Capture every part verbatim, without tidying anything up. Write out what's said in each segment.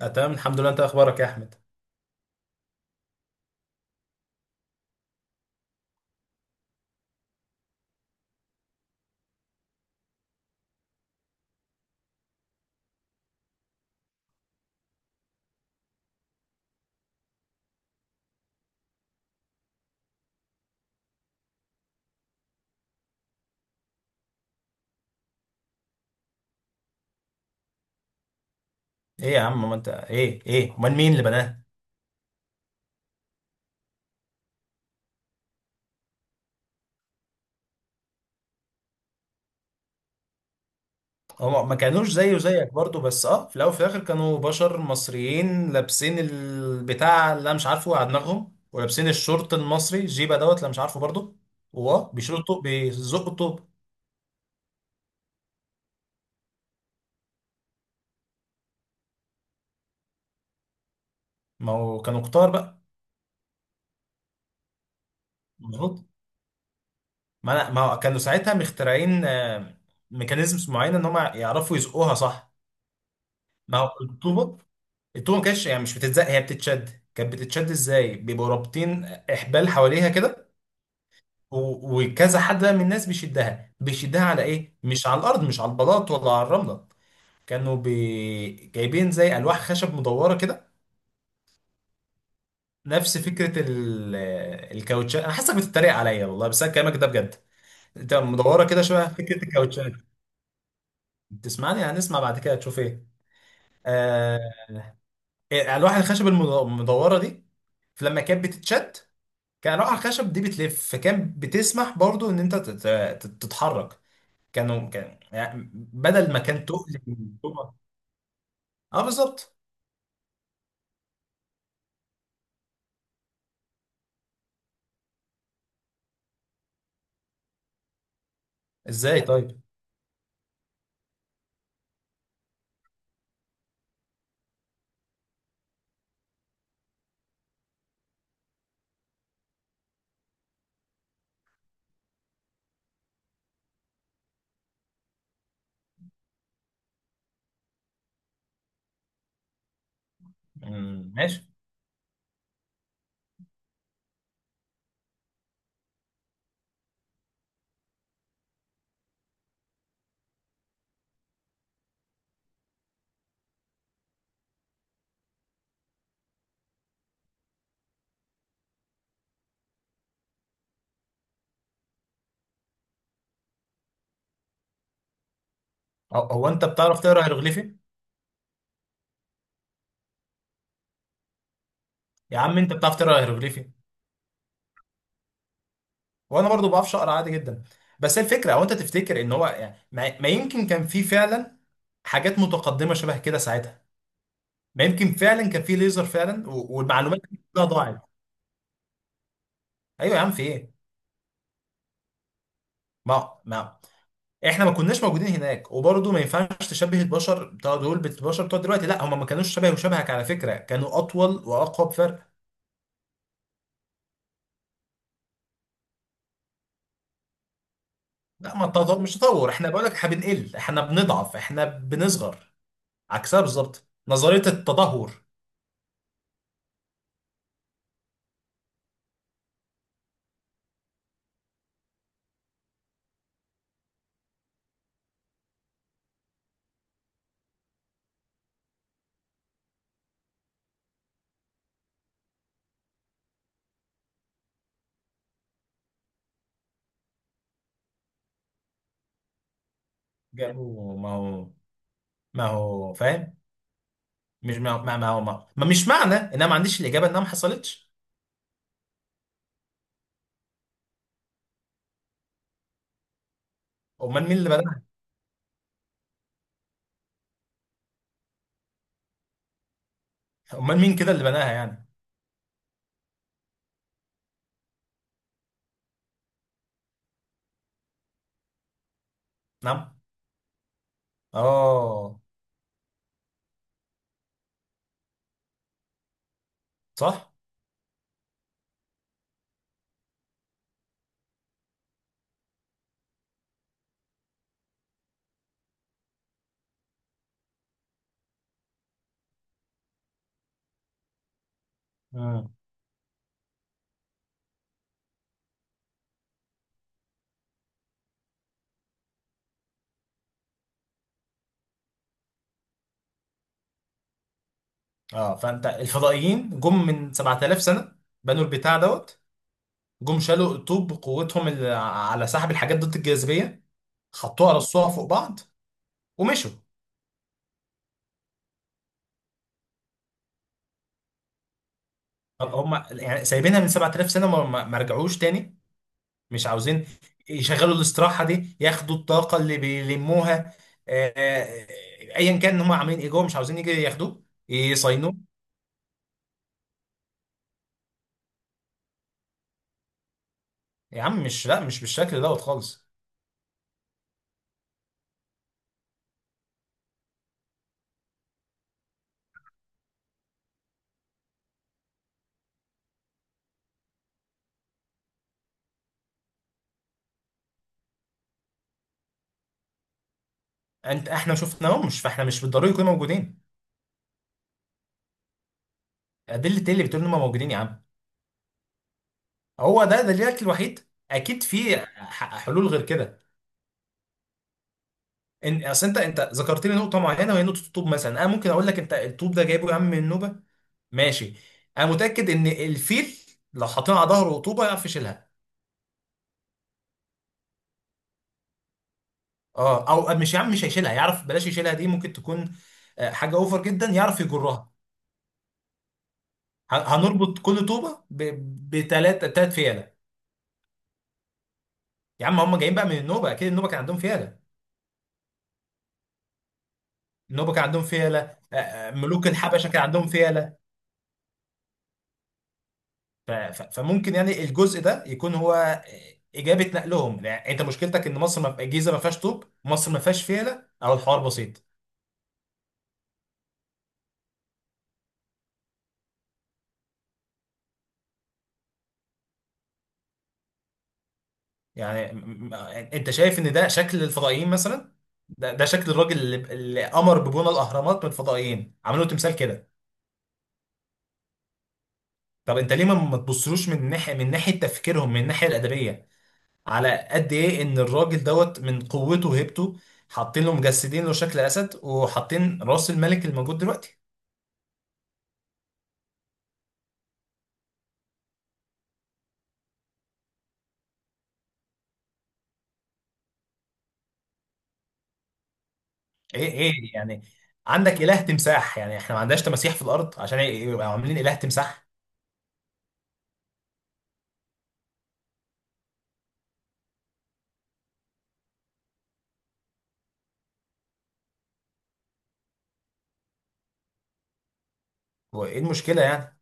آه، تمام الحمد لله، انت اخبارك يا احمد؟ ايه يا عم، ما انت ايه ايه، امال مين اللي بناه؟ هم ما كانوش زيه وزيك برضو، بس اه في الاول وفي الاخر كانوا بشر مصريين لابسين البتاع اللي انا مش عارفه على دماغهم، ولابسين الشورت المصري الجيبه دوت اللي أنا مش عارفه برضو. واه بيشيلوا الطوب، بيزقوا الطوب. ما هو كانوا كتار بقى. المفروض ما انا، ما هو كانوا ساعتها مخترعين آه، ميكانيزمز معينه ان هم يعرفوا يزقوها صح. ما هو الطوبه، التومه ما كانتش يعني مش بتتزق، هي بتتشد. كانت بتتشد ازاي؟ بيبقوا رابطين احبال حواليها كده، و- وكذا حد بقى من الناس بيشدها. بيشدها على ايه؟ مش على الارض، مش على البلاط ولا على الرمله. كانوا بي... جايبين زي الواح خشب مدوره كده. نفس فكره ال... الكاوتشات. انا حاسسك بتتريق عليا والله، بس انا كلامك ده بجد. انت مدوره كده شبه فكره الكاوتشات. بتسمعني؟ هنسمع بعد كده تشوف ايه. آه... الواح الخشب المد- المدوره دي، فلما كانت بتتشد كان خشب دي بتلف، فكان بتسمح برضو ان انت تت- تت- تتحرك. كانوا، كان يعني بدل ما كان تقل من جوه. اه بالظبط. ازاي طيب؟ مم، ماشي. هو هو انت بتعرف تقرا هيروغليفي؟ يا عم انت بتعرف تقرا هيروغليفي؟ وانا برضو بعرفش اقرا عادي جدا. بس الفكره، هو انت تفتكر ان هو يعني ما ما يمكن كان في فعلا حاجات متقدمه شبه كده ساعتها؟ ما يمكن فعلا كان في ليزر فعلا، و- والمعلومات دي كلها ضاعت. ايوه يا عم، في ايه؟ ما ما احنا ما كناش موجودين هناك، وبرضه ما ينفعش تشبه البشر بتوع دول بالبشر بتوع دلوقتي. لا هم ما كانوش شبه، وشبهك على فكره كانوا اطول واقوى بفرق. لا، ما التطور مش تطور، احنا بقول لك احنا بنقل، احنا بنضعف، احنا بنصغر. عكسها بالظبط، نظريه التدهور. جابوا، ما هو ما هو فاهم. مش ما ما ما هو ما, ما مش معنى ان انا ما عنديش الاجابه انها ما حصلتش. امال مين اللي بناها؟ امال مين كده اللي بناها يعني؟ نعم. اه. صح. مم. اه فانت الفضائيين جم من سبعة آلاف سنه، بنوا البتاع دوت، جم شالوا الطوب بقوتهم اللي على سحب الحاجات ضد الجاذبيه، حطوها رصوها فوق بعض، ومشوا. هم يعني سايبينها من سبعة آلاف سنه ما ما- ما رجعوش تاني؟ مش عاوزين يشغلوا الاستراحه دي، ياخدوا الطاقه اللي بيلموها؟ آه، آه، ايا كان هم عاملين ايه جوه، مش عاوزين يجي ياخدوه، يصينوه؟ يا عم مش، لا مش بالشكل دوت خالص. انت احنا شفناهم؟ مش، فاحنا مش بالضروري يكونوا موجودين. ادله ايه اللي بتقول انهم موجودين يا عم؟ هو ده ده الاكل الوحيد؟ اكيد في ح- حلول غير كده. ان اصل انت انت ذكرت لي نقطه معينه وهي نقطه الطوب مثلا، انا ممكن اقول لك انت الطوب ده جايبه يا عم من نوبه. ماشي. انا متاكد ان الفيل لو حاطينه على ظهره طوبه يعرف يشيلها. اه او مش، يا عم مش هيشيلها، يعرف، بلاش يشيلها دي ممكن تكون آه، حاجه اوفر جدا، يعرف يجرها. ه- هنربط كل طوبه بثلاث ثلاث فيله. يا عم هم جايين بقى من النوبه، اكيد النوبه كان عندهم فيله. النوبه كان عندهم فيله. آه، آه، ملوك الحبشه كان عندهم فيله. ف- ف- فممكن يعني الجزء ده يكون هو اجابه نقلهم. يعني انت مشكلتك ان مصر ما، الجيزه ما فيهاش طوب، مصر ما فيهاش فيله، او الحوار بسيط. يعني م- م- انت شايف ان ده شكل الفضائيين مثلا؟ ده, ده شكل الراجل اللي, اللي امر ببناء الاهرامات من الفضائيين، عملوا تمثال كده؟ طب انت ليه ما ما تبصلوش من ناحيه، من ناحيه تفكيرهم، من الناحيه الادبيه؟ على قد ايه ان الراجل دوت من قوته وهيبته حاطين له، مجسدين له شكل اسد وحاطين راس الملك الموجود دلوقتي. ايه ايه يعني؟ عندك اله تمساح، يعني احنا ما عندناش تماسيح في الارض عشان يبقى عاملين اله تمساح؟ هو ايه المشكله يعني؟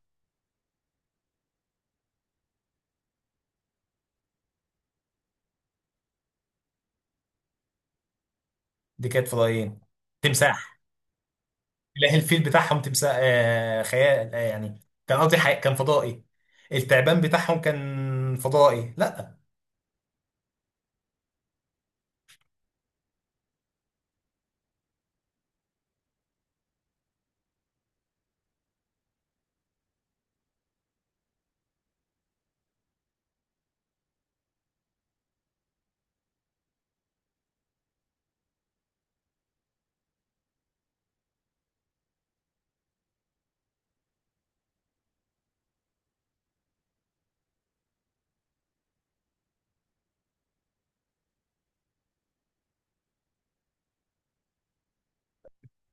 دي كانت فضائيين؟ تمساح؟ اله الفيل بتاعهم تمساح؟ آه خيال، آه يعني كان قصدي حي- كان فضائي، التعبان بتاعهم كان فضائي؟ لا.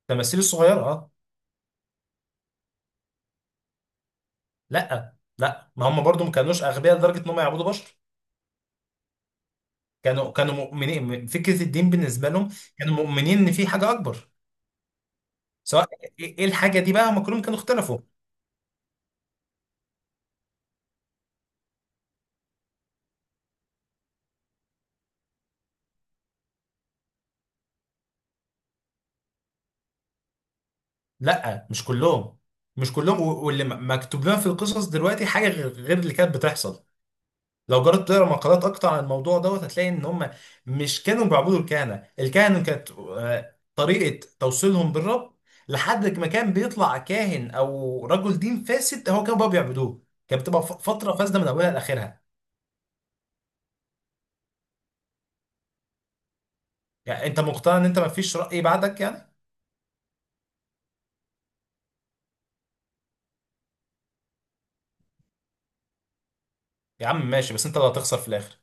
تماثيل الصغيره، اه. لا لا، ما هم برضو ما كانوش اغبياء لدرجه ان هم يعبدوا بشر. كانوا كانوا مؤمنين، م- فكره الدين بالنسبه لهم، كانوا مؤمنين ان في حاجه اكبر. سواء، ايه إيه الحاجه دي بقى، هم كلهم كانوا اختلفوا. لا مش كلهم، مش كلهم، و- واللي م- مكتوب لنا في القصص دلوقتي حاجه غير غير اللي كانت بتحصل. لو جربت تقرا مقالات اكتر عن الموضوع دوت، هتلاقي ان هم مش كانوا بيعبدوا الكهنه. الكهنه كانت آه، طريقه توصيلهم بالرب، لحد ما كان بيطلع كاهن او رجل دين فاسد هو كانوا بقى بيعبدوه، كانت بتبقى ف- فتره فاسده من اولها لاخرها. يعني انت مقتنع ان انت ما فيش راي بعدك يعني؟ يا عم ماشي، بس انت اللي هتخسر في الاخر.